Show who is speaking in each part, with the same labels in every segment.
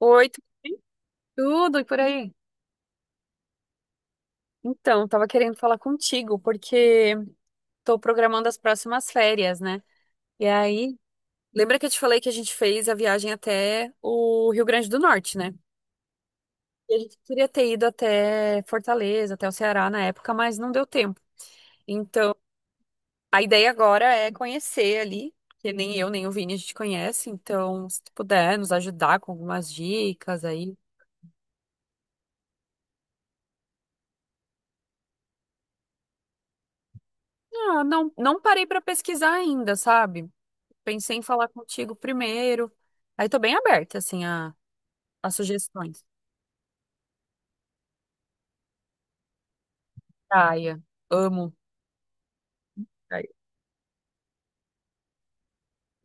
Speaker 1: Oi, tudo e por aí? Então, tava querendo falar contigo porque tô programando as próximas férias, né? E aí, lembra que eu te falei que a gente fez a viagem até o Rio Grande do Norte, né? E a gente queria ter ido até Fortaleza, até o Ceará na época, mas não deu tempo. Então, a ideia agora é conhecer ali, que nem eu nem o Vini a gente conhece, então, se tu puder nos ajudar com algumas dicas aí. Ah, não parei pra pesquisar ainda, sabe? Pensei em falar contigo primeiro. Aí tô bem aberta, assim, a sugestões. Praia. Amo. Praia.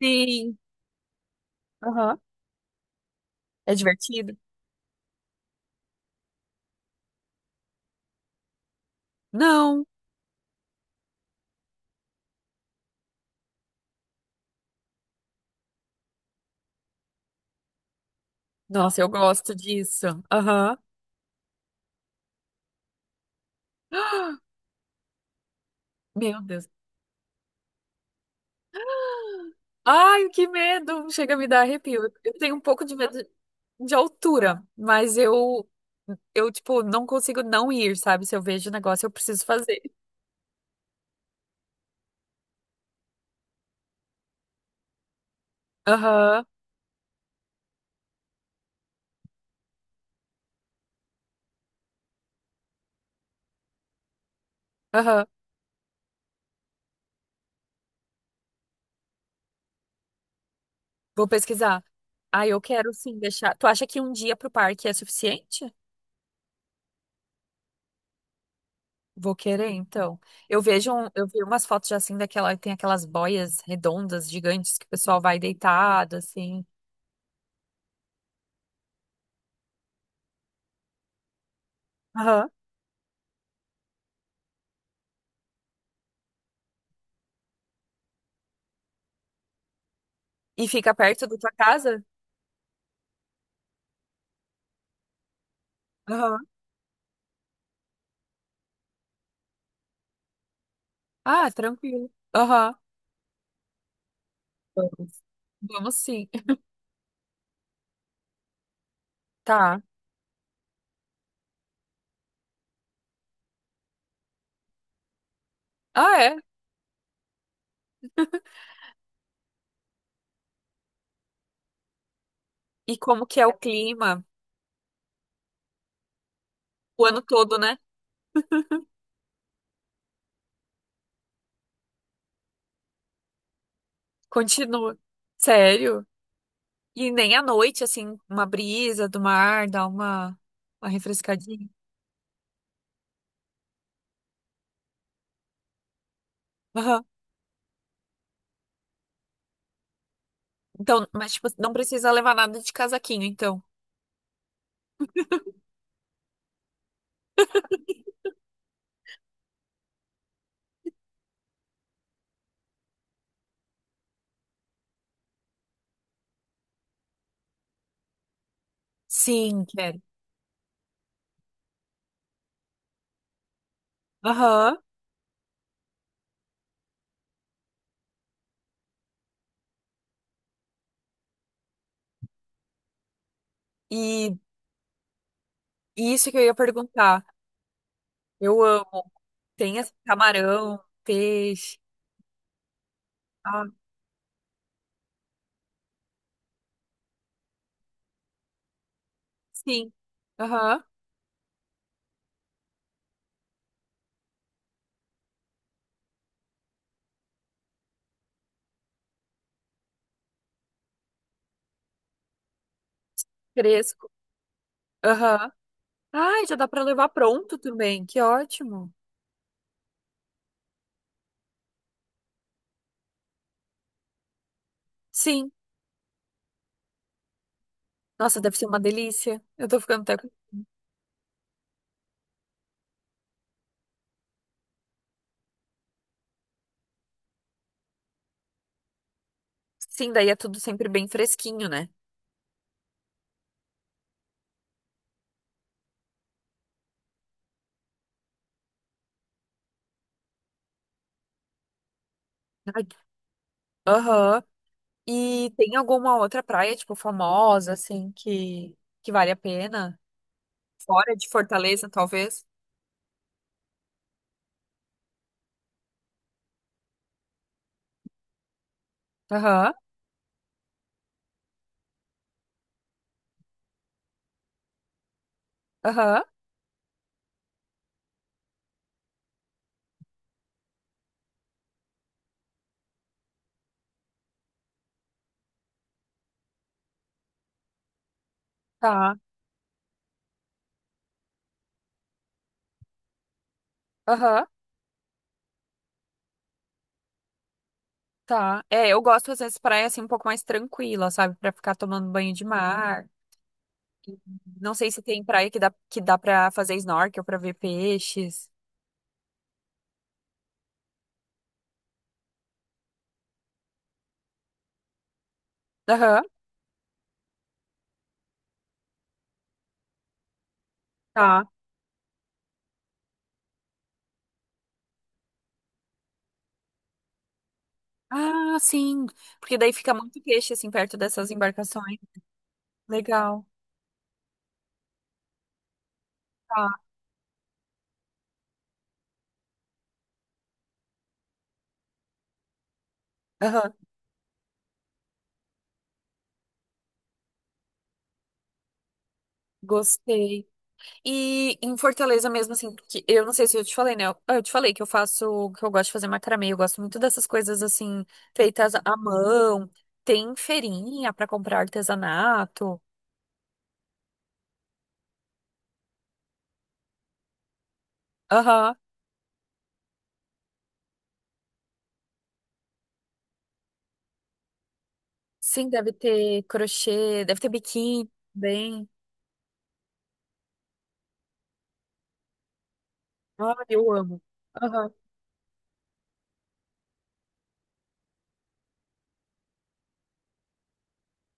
Speaker 1: Sim. Aham. É divertido? Não. Nossa, eu gosto disso. Aham. Meu Deus. Ai, que medo! Chega a me dar arrepio. Eu tenho um pouco de medo de altura, eu, tipo, não consigo não ir, sabe? Se eu vejo o negócio, eu preciso fazer. Aham, aham. Vou pesquisar. Ah, eu quero sim deixar. Tu acha que um dia pro parque é suficiente? Vou querer, então. Eu vejo, eu vi umas fotos já assim daquela, tem aquelas boias redondas, gigantes, que o pessoal vai deitado, assim. Aham. E fica perto da tua casa? Aham. Ah, tranquilo. Aham. Vamos. Vamos sim. Tá. Ah, é? E como que é o clima? O ano todo, né? Continua. Sério? E nem à noite, assim, uma brisa do mar, dá uma refrescadinha. Aham. Então, mas tipo, não precisa levar nada de casaquinho, então. Sim, aham. E isso que eu ia perguntar. Eu amo. Tem assim, camarão, peixe. Ah, sim. Aham. Fresco. Aham. Ai, já dá pra levar pronto também. Que ótimo. Sim. Nossa, deve ser uma delícia. Eu tô ficando até. Sim, daí é tudo sempre bem fresquinho, né? Ai, aham. E tem alguma outra praia, tipo, famosa, assim, que vale a pena? Fora de Fortaleza, talvez? Aham. Aham. Tá. Aham. Tá. É, eu gosto às vezes praia assim um pouco mais tranquila, sabe? Pra ficar tomando banho de mar. Não sei se tem praia que dá para fazer snorkel, pra ver peixes. Aham. Tá. Ah, sim. Porque daí fica muito peixe assim perto dessas embarcações. Legal. Tá. Aham. Gostei. E em Fortaleza mesmo assim, que eu não sei se eu te falei, né? Eu te falei que eu faço, que eu gosto de fazer macramê, eu gosto muito dessas coisas assim feitas à mão. Tem feirinha pra comprar artesanato. Aham. Sim, deve ter crochê, deve ter biquíni também. Ah, eu amo. Aham.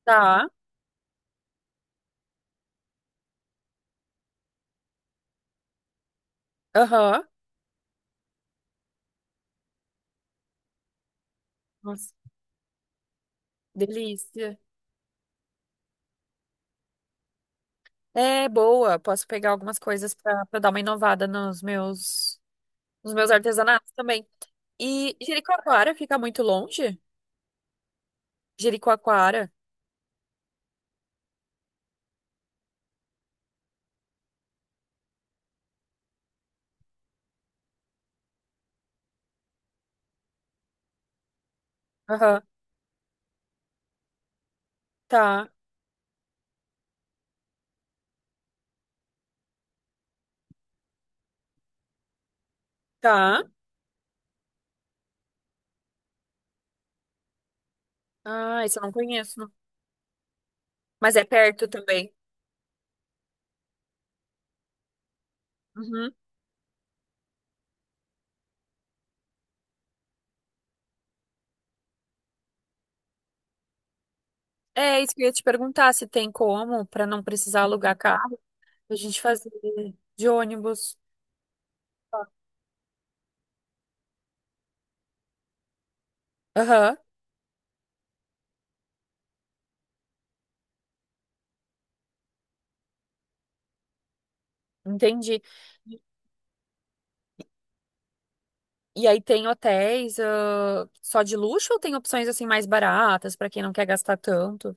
Speaker 1: Tá. Aham. Nossa, delícia. É boa. Posso pegar algumas coisas pra dar uma inovada nos meus artesanatos também. E Jericoacoara fica muito longe? Jericoacoara. Aham. Tá. Tá. Ah, isso eu não conheço. Mas é perto também. Uhum. É isso que eu ia te perguntar se tem como, pra não precisar alugar carro, a gente fazer de ônibus. Aham, entendi. E aí tem hotéis, ah, só de luxo ou tem opções assim mais baratas pra quem não quer gastar tanto?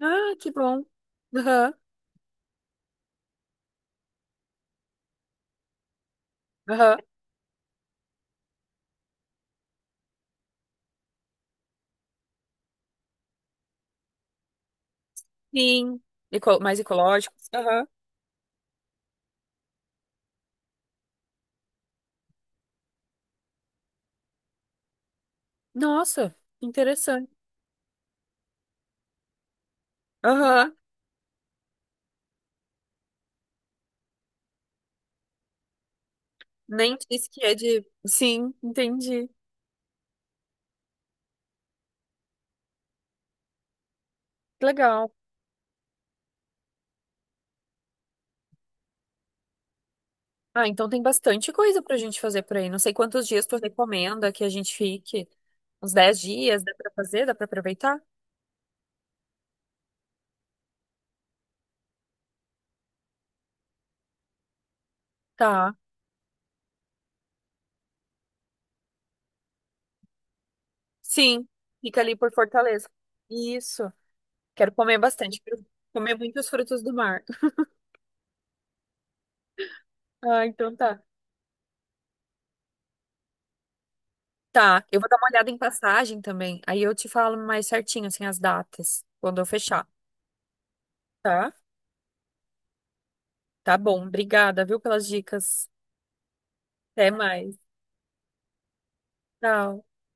Speaker 1: Ah, que bom. Aham, aham. Sim. Mais ecológicos. Aham. Nossa, interessante. Aham. Nem disse que é de. Sim, entendi. Que legal. Ah, então tem bastante coisa pra gente fazer por aí. Não sei quantos dias tu recomenda que a gente fique. Uns 10 dias, dá pra fazer? Dá pra aproveitar? Tá. Sim, fica ali por Fortaleza. Isso. Quero comer bastante. Quero comer muitos frutos do mar. Ah, então tá. Tá, eu vou dar uma olhada em passagem também. Aí eu te falo mais certinho, assim, as datas, quando eu fechar. Tá? Tá bom. Obrigada, viu, pelas dicas. Até mais. Tchau.